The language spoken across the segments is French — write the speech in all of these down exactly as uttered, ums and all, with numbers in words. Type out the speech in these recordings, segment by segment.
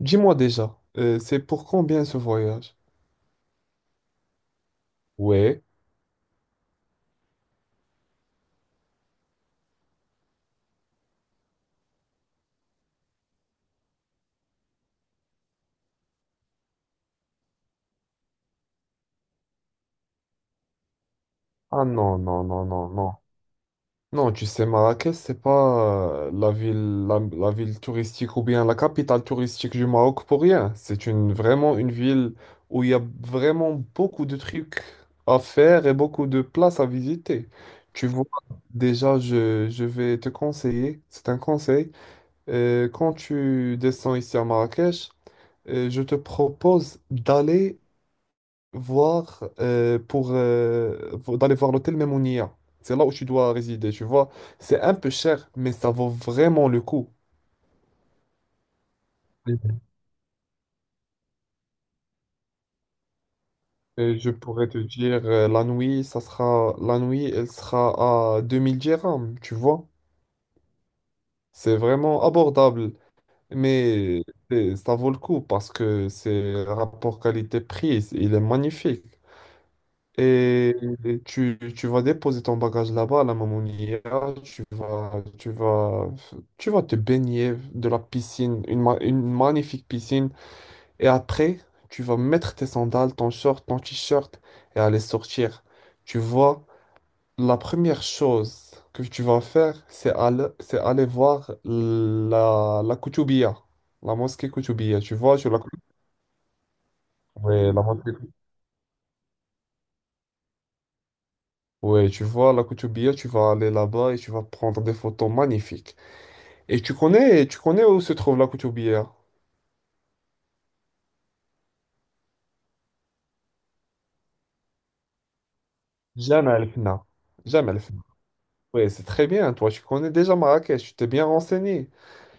Dis-moi déjà, euh, c'est pour combien ce voyage? Ouais. Ah non, non, non, non, non. Non, tu sais, Marrakech, c'est pas euh, la ville, la, la ville touristique ou bien la capitale touristique du Maroc pour rien. C'est une, vraiment une ville où il y a vraiment beaucoup de trucs à faire et beaucoup de places à visiter. Tu vois, déjà, je, je vais te conseiller, c'est un conseil. Euh, quand tu descends ici à Marrakech, euh, je te propose d'aller voir euh, pour euh, vo- d'aller voir l'hôtel même en I A. C'est là où tu dois résider, tu vois. C'est un peu cher, mais ça vaut vraiment le coup. Euh, je pourrais te dire, euh, la nuit, ça sera, la nuit, elle sera à deux mille dirhams, tu vois. C'est vraiment abordable, mais euh, ça vaut le coup parce que c'est rapport qualité-prix, il est magnifique. Et tu, tu vas déposer ton bagage là-bas à la Mamounia, tu vas, tu vas, tu vas te baigner de la piscine, une, ma- une magnifique piscine. Et après, tu vas mettre tes sandales, ton short, ton t-shirt et aller sortir. Tu vois, la première chose que tu vas faire, c'est aller, c'est aller voir la, la Koutoubia, la mosquée Koutoubia. Tu vois, tu la connais? Oui, la mosquée. Ouais, tu vois, la Koutoubia, tu vas aller là-bas et tu vas prendre des photos magnifiques. Et tu connais, tu connais où se trouve la Koutoubia? Jamais el Fna. Jamais el Fna. Ouais, c'est très bien. Toi, tu connais déjà Marrakech, tu t'es bien renseigné.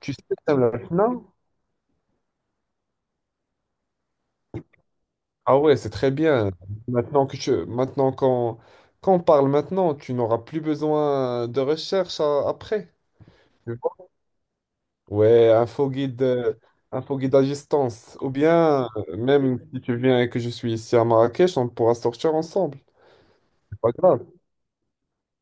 Tu sais Jemaa el Fna? Ah ouais, c'est très bien. Maintenant que tu, maintenant qu'on, qu'on parle maintenant, tu n'auras plus besoin de recherche euh, après. Tu vois. Ouais, un faux guide, euh, un faux guide à distance. Ou bien, euh, même si tu viens et que je suis ici à Marrakech, on pourra sortir ensemble. Pas grave.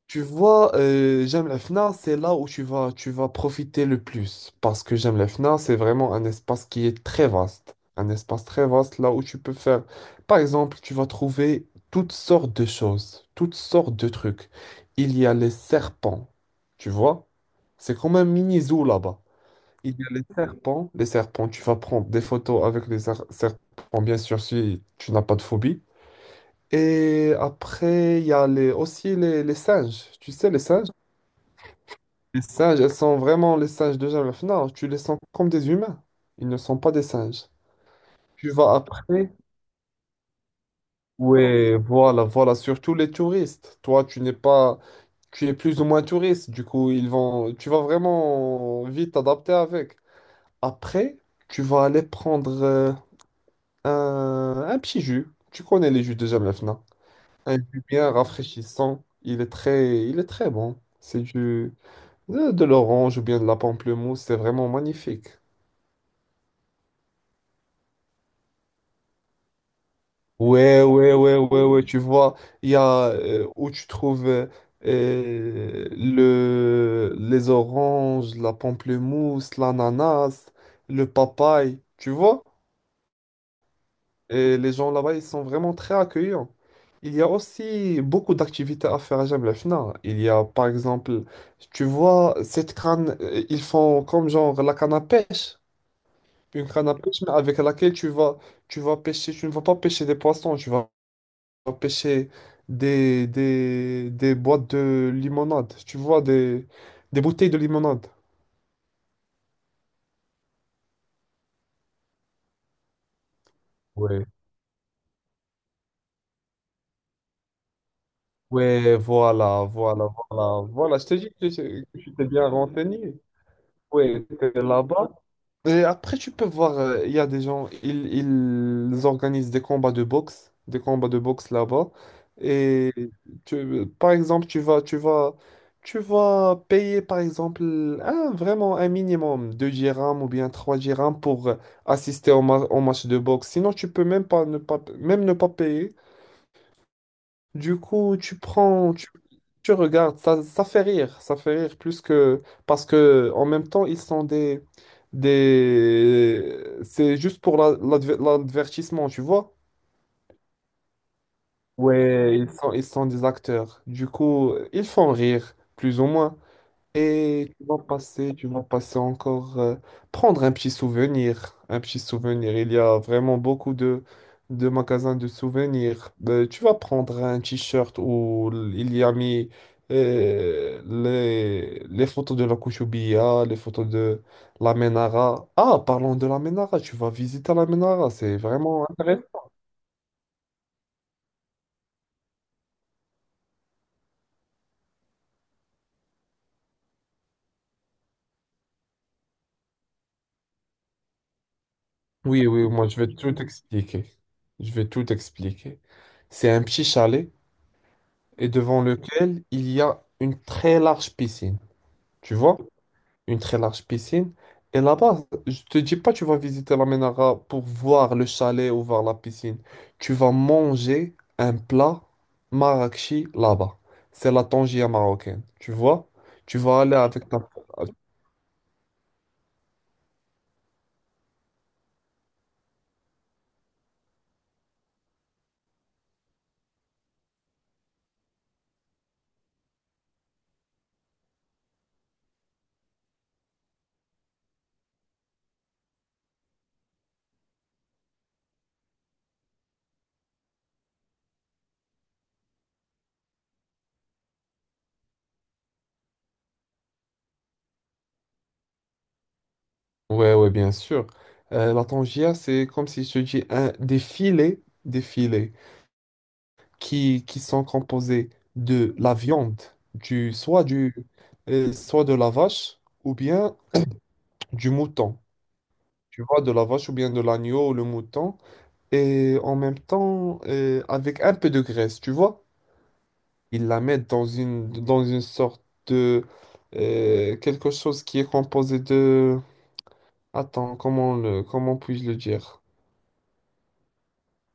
Tu vois, euh, J'aime la F N A, c'est là où tu vas, tu vas profiter le plus. Parce que J'aime la F N A, c'est vraiment un espace qui est très vaste. Un espace très vaste là où tu peux faire. Par exemple, tu vas trouver toutes sortes de choses, toutes sortes de trucs. Il y a les serpents, tu vois? C'est comme un mini zoo là-bas. Il y a les serpents. Les serpents, tu vas prendre des photos avec les ser- serpents, bien sûr, si tu n'as pas de phobie. Et après, il y a les, aussi les, les singes. Tu sais, les singes? Les singes, elles sont vraiment les singes de Jeff. Non, tu les sens comme des humains. Ils ne sont pas des singes. Tu vas après. Oui, voilà, voilà, surtout les touristes. Toi, tu n'es pas, tu es plus ou moins touriste. Du coup, ils vont, tu vas vraiment vite t'adapter avec. Après, tu vas aller prendre euh, un, un petit jus. Tu connais les jus de Jeff? Un jus bien rafraîchissant. Il est très, il est très bon. C'est du, de de l'orange ou bien de la pamplemousse. C'est vraiment magnifique. Ouais, ouais, ouais, ouais, ouais. Tu vois, il y a euh, où tu trouves euh, euh, le, les oranges, la pamplemousse, l'ananas, le papaye. Tu vois? Et les gens là-bas, ils sont vraiment très accueillants. Il y a aussi beaucoup d'activités à faire à Jemaa el Fna. Il y a, par exemple, tu vois, cette canne, euh, ils font comme genre la canne à pêche. Une canne à pêche, mais avec laquelle tu vas, tu vas pêcher, tu ne vas pas pêcher des poissons, tu vas pêcher des, des, des boîtes de limonade. Tu vois, des, des bouteilles de limonade. Ouais. Ouais, voilà, voilà, voilà, voilà. Je te dis que je- que tu t'es bien renseigné. Ouais, t'es là-bas. Et après, tu peux voir, euh, il y a des gens, ils, ils organisent des combats de boxe, des combats de boxe là-bas. Et tu, par exemple, tu vas, tu vas, tu vas payer, par exemple, un, vraiment un minimum, deux dirhams ou bien trois dirhams pour euh, assister au, ma- au match de boxe. Sinon, tu peux même pas ne pas, même ne pas payer. Du coup, tu prends, tu, tu regardes, ça, ça fait rire, ça fait rire plus que... Parce que en même temps, ils sont des... des... C'est juste pour la- l'adver- l'advertissement, tu vois? Ouais, Ils sont, ils sont des acteurs. Du coup, ils font rire, plus ou moins. Et tu vas passer, tu vas passer encore, euh, prendre un petit souvenir, un petit souvenir. Il y a vraiment beaucoup de, de magasins de souvenirs. Euh, tu vas prendre un t-shirt où il y a mis euh, les, les photos de la Kouchoubia, les photos de la Menara. Ah, parlons de la Menara, tu vas visiter la Menara, c'est vraiment intéressant. Oui, oui, moi je vais tout expliquer. Je vais tout expliquer. C'est un petit chalet, et devant lequel il y a une très large piscine. Tu vois? Une très large piscine. Et là-bas, je te dis pas tu vas visiter la Ménara pour voir le chalet ou voir la piscine. Tu vas manger un plat marrakchi là-bas. C'est la tangia marocaine. Tu vois? Tu vas aller avec ta... Ouais, ouais, bien sûr. Euh, la tangia, c'est comme si je te dis un... des filets, des filets qui, qui sont composés de la viande, du, soit, du, euh, soit de la vache ou bien du mouton. Tu vois, de la vache ou bien de l'agneau, ou le mouton. Et en même temps, euh, avec un peu de graisse, tu vois. Ils la mettent dans une, dans une sorte de... euh, quelque chose qui est composé de... Attends, comment le, comment puis-je le dire?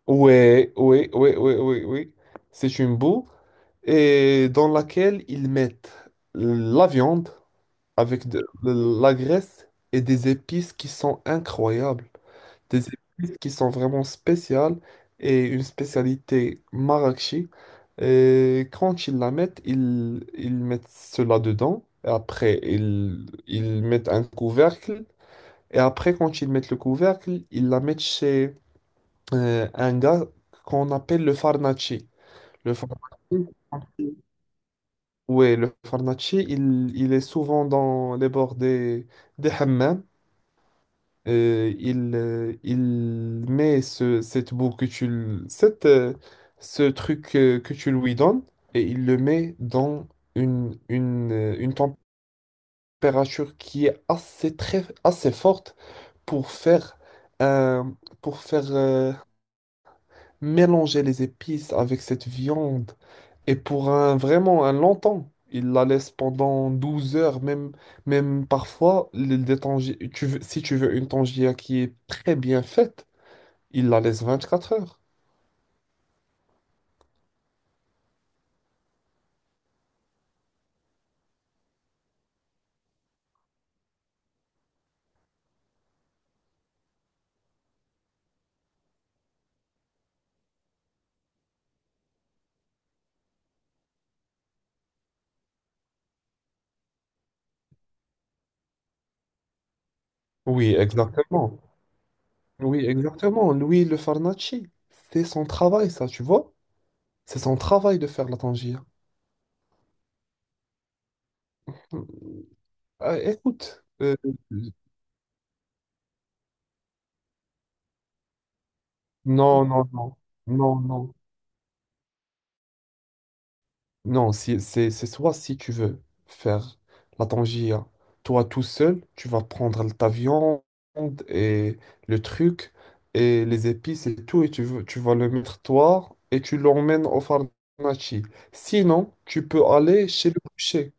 Ouais, ouais, ouais, ouais, ouais, ouais. C'est une boue et dans laquelle ils mettent la viande avec de, de la graisse et des épices qui sont incroyables, des épices qui sont vraiment spéciales et une spécialité marrakchi. Et quand ils la mettent, ils, ils mettent cela dedans et après ils, ils mettent un couvercle, et après quand ils mettent le couvercle, ils la mettent chez euh, un gars qu'on appelle le farnaci. Le Farnacci, ouais, le farnaci il, il est souvent dans les bords des, des hammams. Euh, il, euh, il met ce, cette boue, que tu, l- cette, euh, ce truc, euh, que tu lui donnes, et il le met dans une, une, euh, une température qui est assez, très, assez forte pour faire, euh, pour faire euh, mélanger les épices avec cette viande. Et pour un vraiment un long temps, il la laisse pendant douze heures, même, même parfois, les, les tangi- tu veux, si tu veux une tangia qui est très bien faite, il la laisse vingt-quatre heures. Oui, exactement. Oui, exactement. Lui, le Farnacci, c'est son travail, ça, tu vois? C'est son travail de faire la tangia. Euh, écoute, euh, non, non, non, non, non. Non, si- c'est c'est soit si tu veux faire la tangia, toi tout seul, tu vas prendre ta viande et le truc et les épices et tout, et tu, veux- tu vas le mettre toi et tu l'emmènes au pharmacie. Sinon, tu peux aller chez le boucher.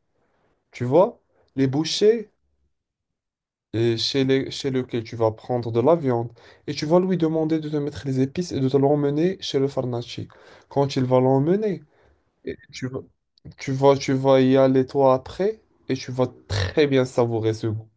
Tu vois, les bouchers euh, chez, les, chez lequel tu vas prendre de la viande et tu vas lui demander de te mettre les épices et de te l'emmener chez le pharmacie. Quand il va l'emmener, et tu vas tu vas, tu vas y aller toi après et tu vas très bien savourer ce goût.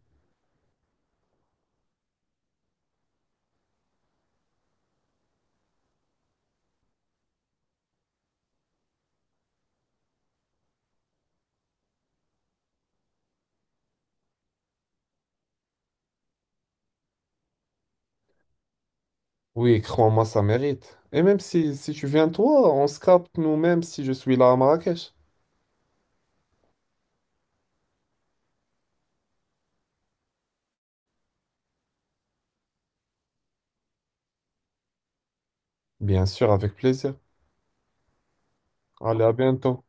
Oui, crois-moi, ça mérite. Et même si, si tu viens toi, on se capte nous-mêmes si je suis là à Marrakech. Bien sûr, avec plaisir. Allez, à bientôt.